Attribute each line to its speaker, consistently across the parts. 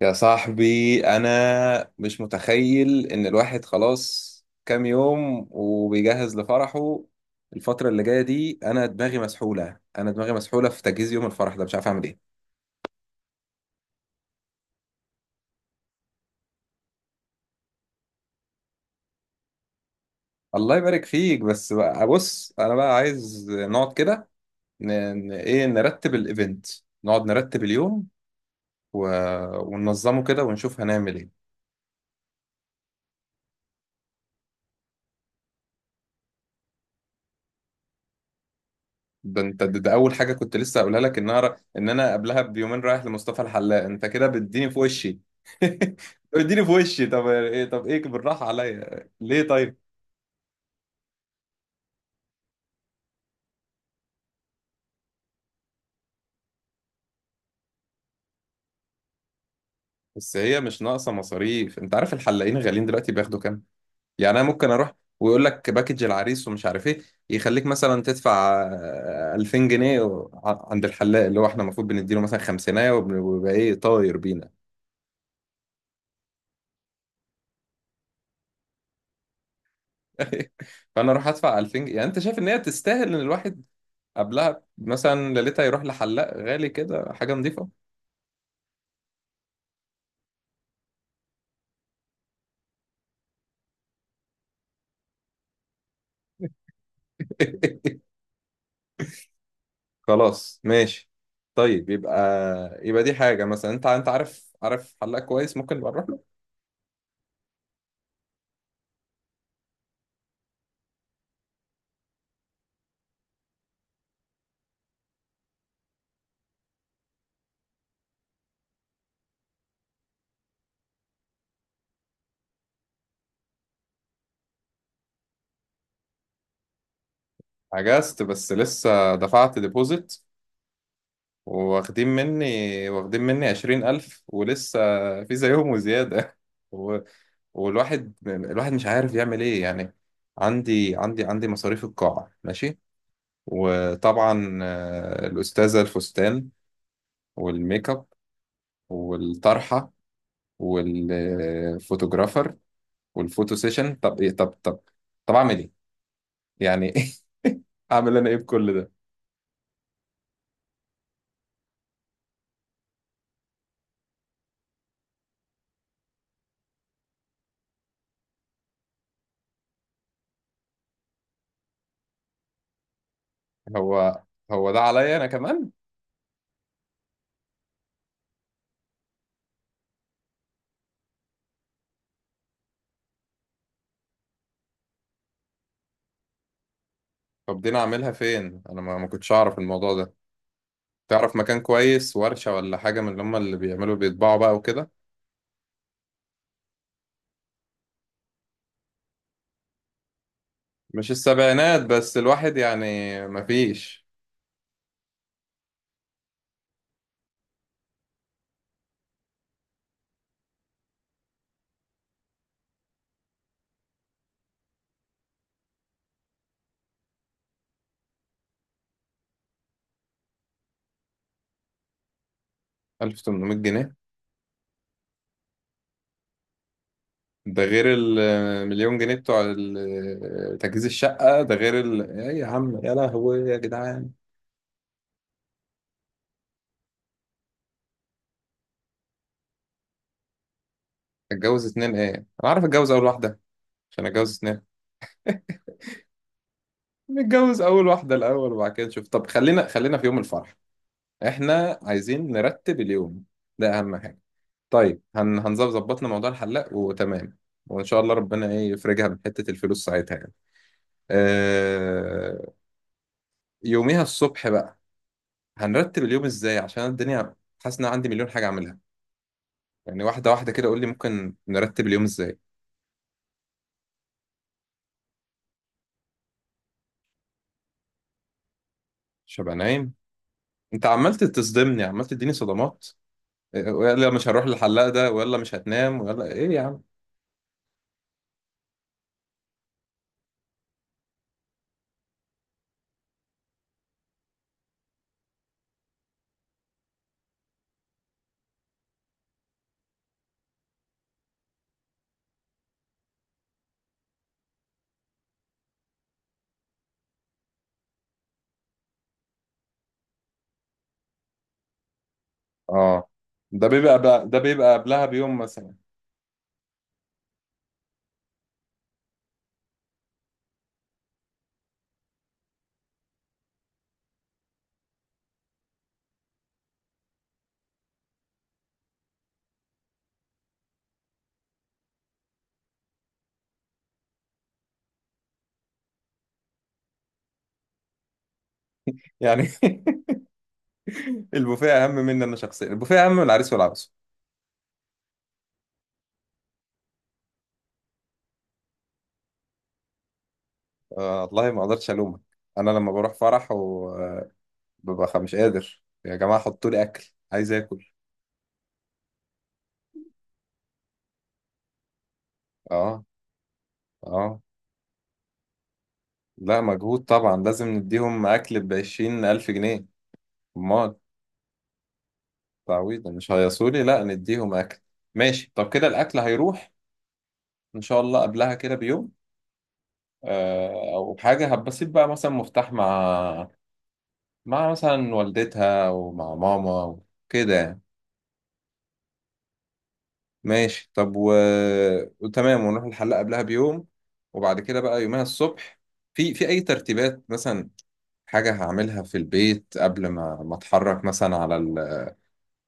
Speaker 1: يا صاحبي، أنا مش متخيل إن الواحد خلاص كام يوم وبيجهز لفرحه. الفترة اللي جاية دي أنا دماغي مسحولة، أنا دماغي مسحولة في تجهيز يوم الفرح ده، مش عارف أعمل إيه. الله يبارك فيك. بس بقى بص، أنا بقى عايز نقعد كده. ن... نرتب الإيفنت، نقعد نرتب اليوم و... وننظمه كده ونشوف هنعمل إيه. ده اول حاجه كنت لسه هقولها لك، ان انا قبلها بيومين رايح لمصطفى الحلاق. انت كده بتديني في وشي. بتديني في وشي، طب ايه، بالراحه عليا ليه؟ طيب بس هي مش ناقصه مصاريف. انت عارف الحلاقين غاليين دلوقتي، بياخدوا كام؟ يعني انا ممكن اروح ويقول لك باكج العريس ومش عارف ايه، يخليك مثلا تدفع 2000 جنيه عند الحلاق اللي هو احنا المفروض بنديله مثلا خمسينية، ويبقى ايه، طاير بينا. فانا اروح ادفع 2000 جنيه؟ يعني انت شايف ان هي تستاهل ان الواحد قبلها مثلا ليلتها يروح لحلاق غالي كده، حاجة نظيفة. خلاص، ماشي. طيب، يبقى دي حاجة. مثلا انت، عارف، حلاق كويس ممكن نبقى نروح له. عجزت، بس لسه دفعت ديبوزيت. واخدين مني 20,000 ولسه في زيهم وزيادة. و... والواحد مش عارف يعمل ايه يعني. عندي مصاريف القاعة، ماشي. وطبعا الأستاذة الفستان، والميك اب، والطرحة، والفوتوجرافر، والفوتو سيشن. طب ايه، طب اعمل ايه يعني؟ اعمل انا ايه بكل ده؟ هو هو ده عليا انا كمان؟ طب دي انا اعملها فين؟ انا ما كنتش اعرف الموضوع ده. تعرف مكان كويس، ورشة ولا حاجة من اللي هم اللي بيعملوا بيطبعوا بقى وكده؟ مش السبعينات، بس الواحد يعني. ما فيش. 1800 جنيه؟ ده غير المليون جنيه بتوع تجهيز الشقة، ده غير إيه يا عم، يا لهوي يا جدعان. اتجوز اتنين ايه؟ انا عارف اتجوز اول واحدة عشان اتجوز اتنين؟ نتجوز اول واحده الاول وبعد كده نشوف. طب خلينا، في يوم الفرح. احنا عايزين نرتب اليوم، ده اهم حاجه. طيب، هنظبط، ظبطنا موضوع الحلاق وتمام. وان شاء الله ربنا يفرجها من حته الفلوس ساعتها يعني. آه... يوميها الصبح بقى هنرتب اليوم ازاي؟ عشان الدنيا، حاسس ان أنا عندي مليون حاجه اعملها. يعني واحده واحده كده قول لي ممكن نرتب اليوم ازاي. مش هبقى نايم؟ انت عمال تصدمني، عمال تديني صدمات. ويلا مش هروح للحلاق، ده ويلا مش هتنام، ويلا ايه يا عم. اه، ده بيبقى قبلها بيوم مثلا يعني. البوفيه اهم مني انا شخصيا، البوفيه اهم من العريس والعروسه. آه والله ما اقدرش الومك. انا لما بروح فرح وببقى مش قادر، يا جماعه حطوا لي اكل، عايز اكل. اه، اه. لا مجهود طبعا، لازم نديهم اكل ب 20000 الف جنيه. امال، تعويض. مش هيصولي، لا نديهم اكل. ماشي. طب كده الاكل هيروح ان شاء الله قبلها كده بيوم. او حاجه هبسيط بقى، مثلا مفتاح مع، مثلا والدتها ومع ماما وكده يعني. ماشي طب. وتمام، ونروح الحلاق قبلها بيوم. وبعد كده بقى يومها الصبح، في اي ترتيبات مثلا حاجة هعملها في البيت قبل ما، اتحرك مثلا على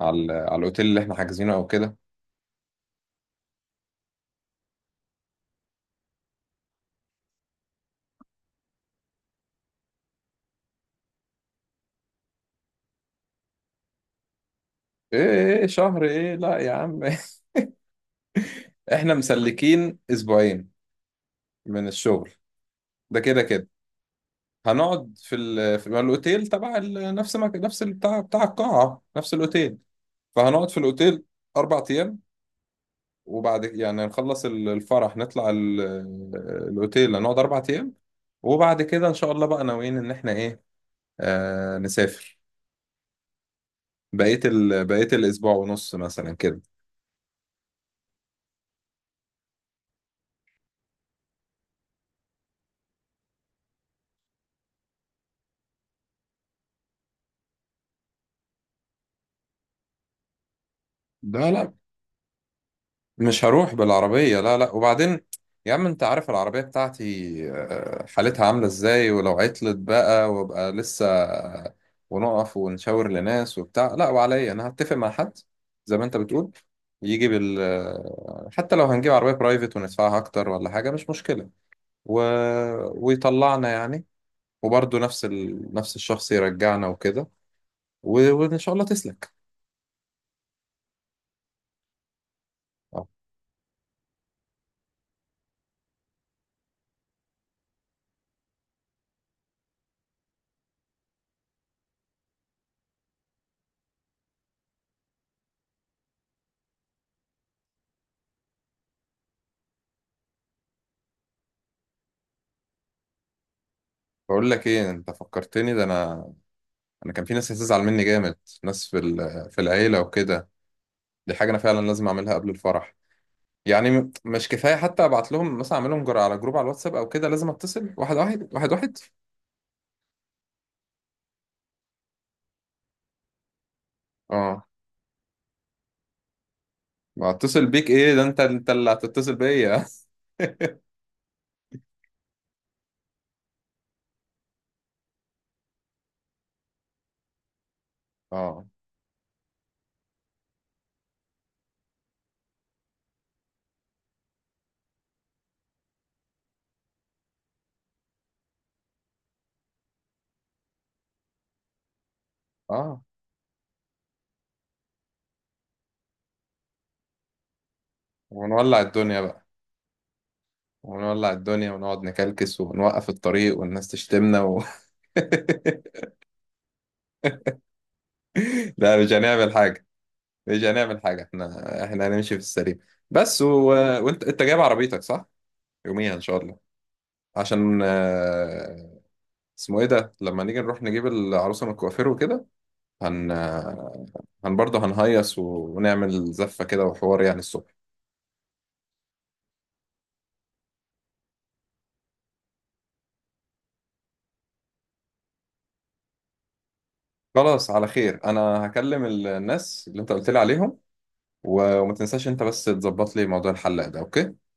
Speaker 1: على الاوتيل اللي احنا حاجزينه او كده؟ ايه، شهر ايه؟ لا يا عم. احنا مسلكين اسبوعين من الشغل. ده كده كده هنقعد في ما الاوتيل تبع نفس ما... نفس بتاع، القاعة، نفس الاوتيل. فهنقعد في الأوتيل أربع أيام. وبعد يعني نخلص الفرح، نطلع الأوتيل، هنقعد أربع أيام. وبعد كده إن شاء الله بقى ناويين إن إحنا إيه، نسافر بقية بقية الأسبوع ونص مثلا كده. ده لا، مش هروح بالعربية، لا لا. وبعدين يا عم انت عارف العربية بتاعتي حالتها عاملة ازاي. ولو عطلت بقى وابقى لسه ونقف ونشاور لناس وبتاع، لا. وعليا انا، هتفق مع حد زي ما انت بتقول يجي بال آه، حتى لو هنجيب عربية برايفت وندفعها اكتر ولا حاجة مش مشكلة، و... ويطلعنا يعني، وبرضه نفس الشخص يرجعنا وكده. وان شاء الله تسلك. آه، بقول لك ايه، انت فكرتني. ده انا انا كان في ناس هتزعل مني جامد، ناس في العيله وكده. دي حاجه انا فعلا لازم اعملها قبل الفرح. يعني مش كفايه حتى ابعت لهم مثلا، اعملهم جر على جروب على الواتساب او كده، لازم اتصل واحد واحد واحد واحد. اه، ما اتصل بيك ايه؟ ده انت، اللي هتتصل بيا. اه، اه. ونولع الدنيا بقى. ونولع الدنيا ونقعد نكلكس ونوقف الطريق والناس تشتمنا لا مش هنعمل حاجه، مش هنعمل حاجه، احنا، هنمشي في السليم. بس وانت، جايب عربيتك صح يوميها ان شاء الله؟ عشان اسمه ايه ده، لما نيجي نروح نجيب العروسه من الكوافير وكده، هن آه، هن برضه هنهيص ونعمل زفه كده وحوار يعني الصبح. خلاص على خير، انا هكلم الناس اللي انت قلت لي عليهم. وما تنساش انت بس تظبط لي موضوع الحلاق ده، اوكي.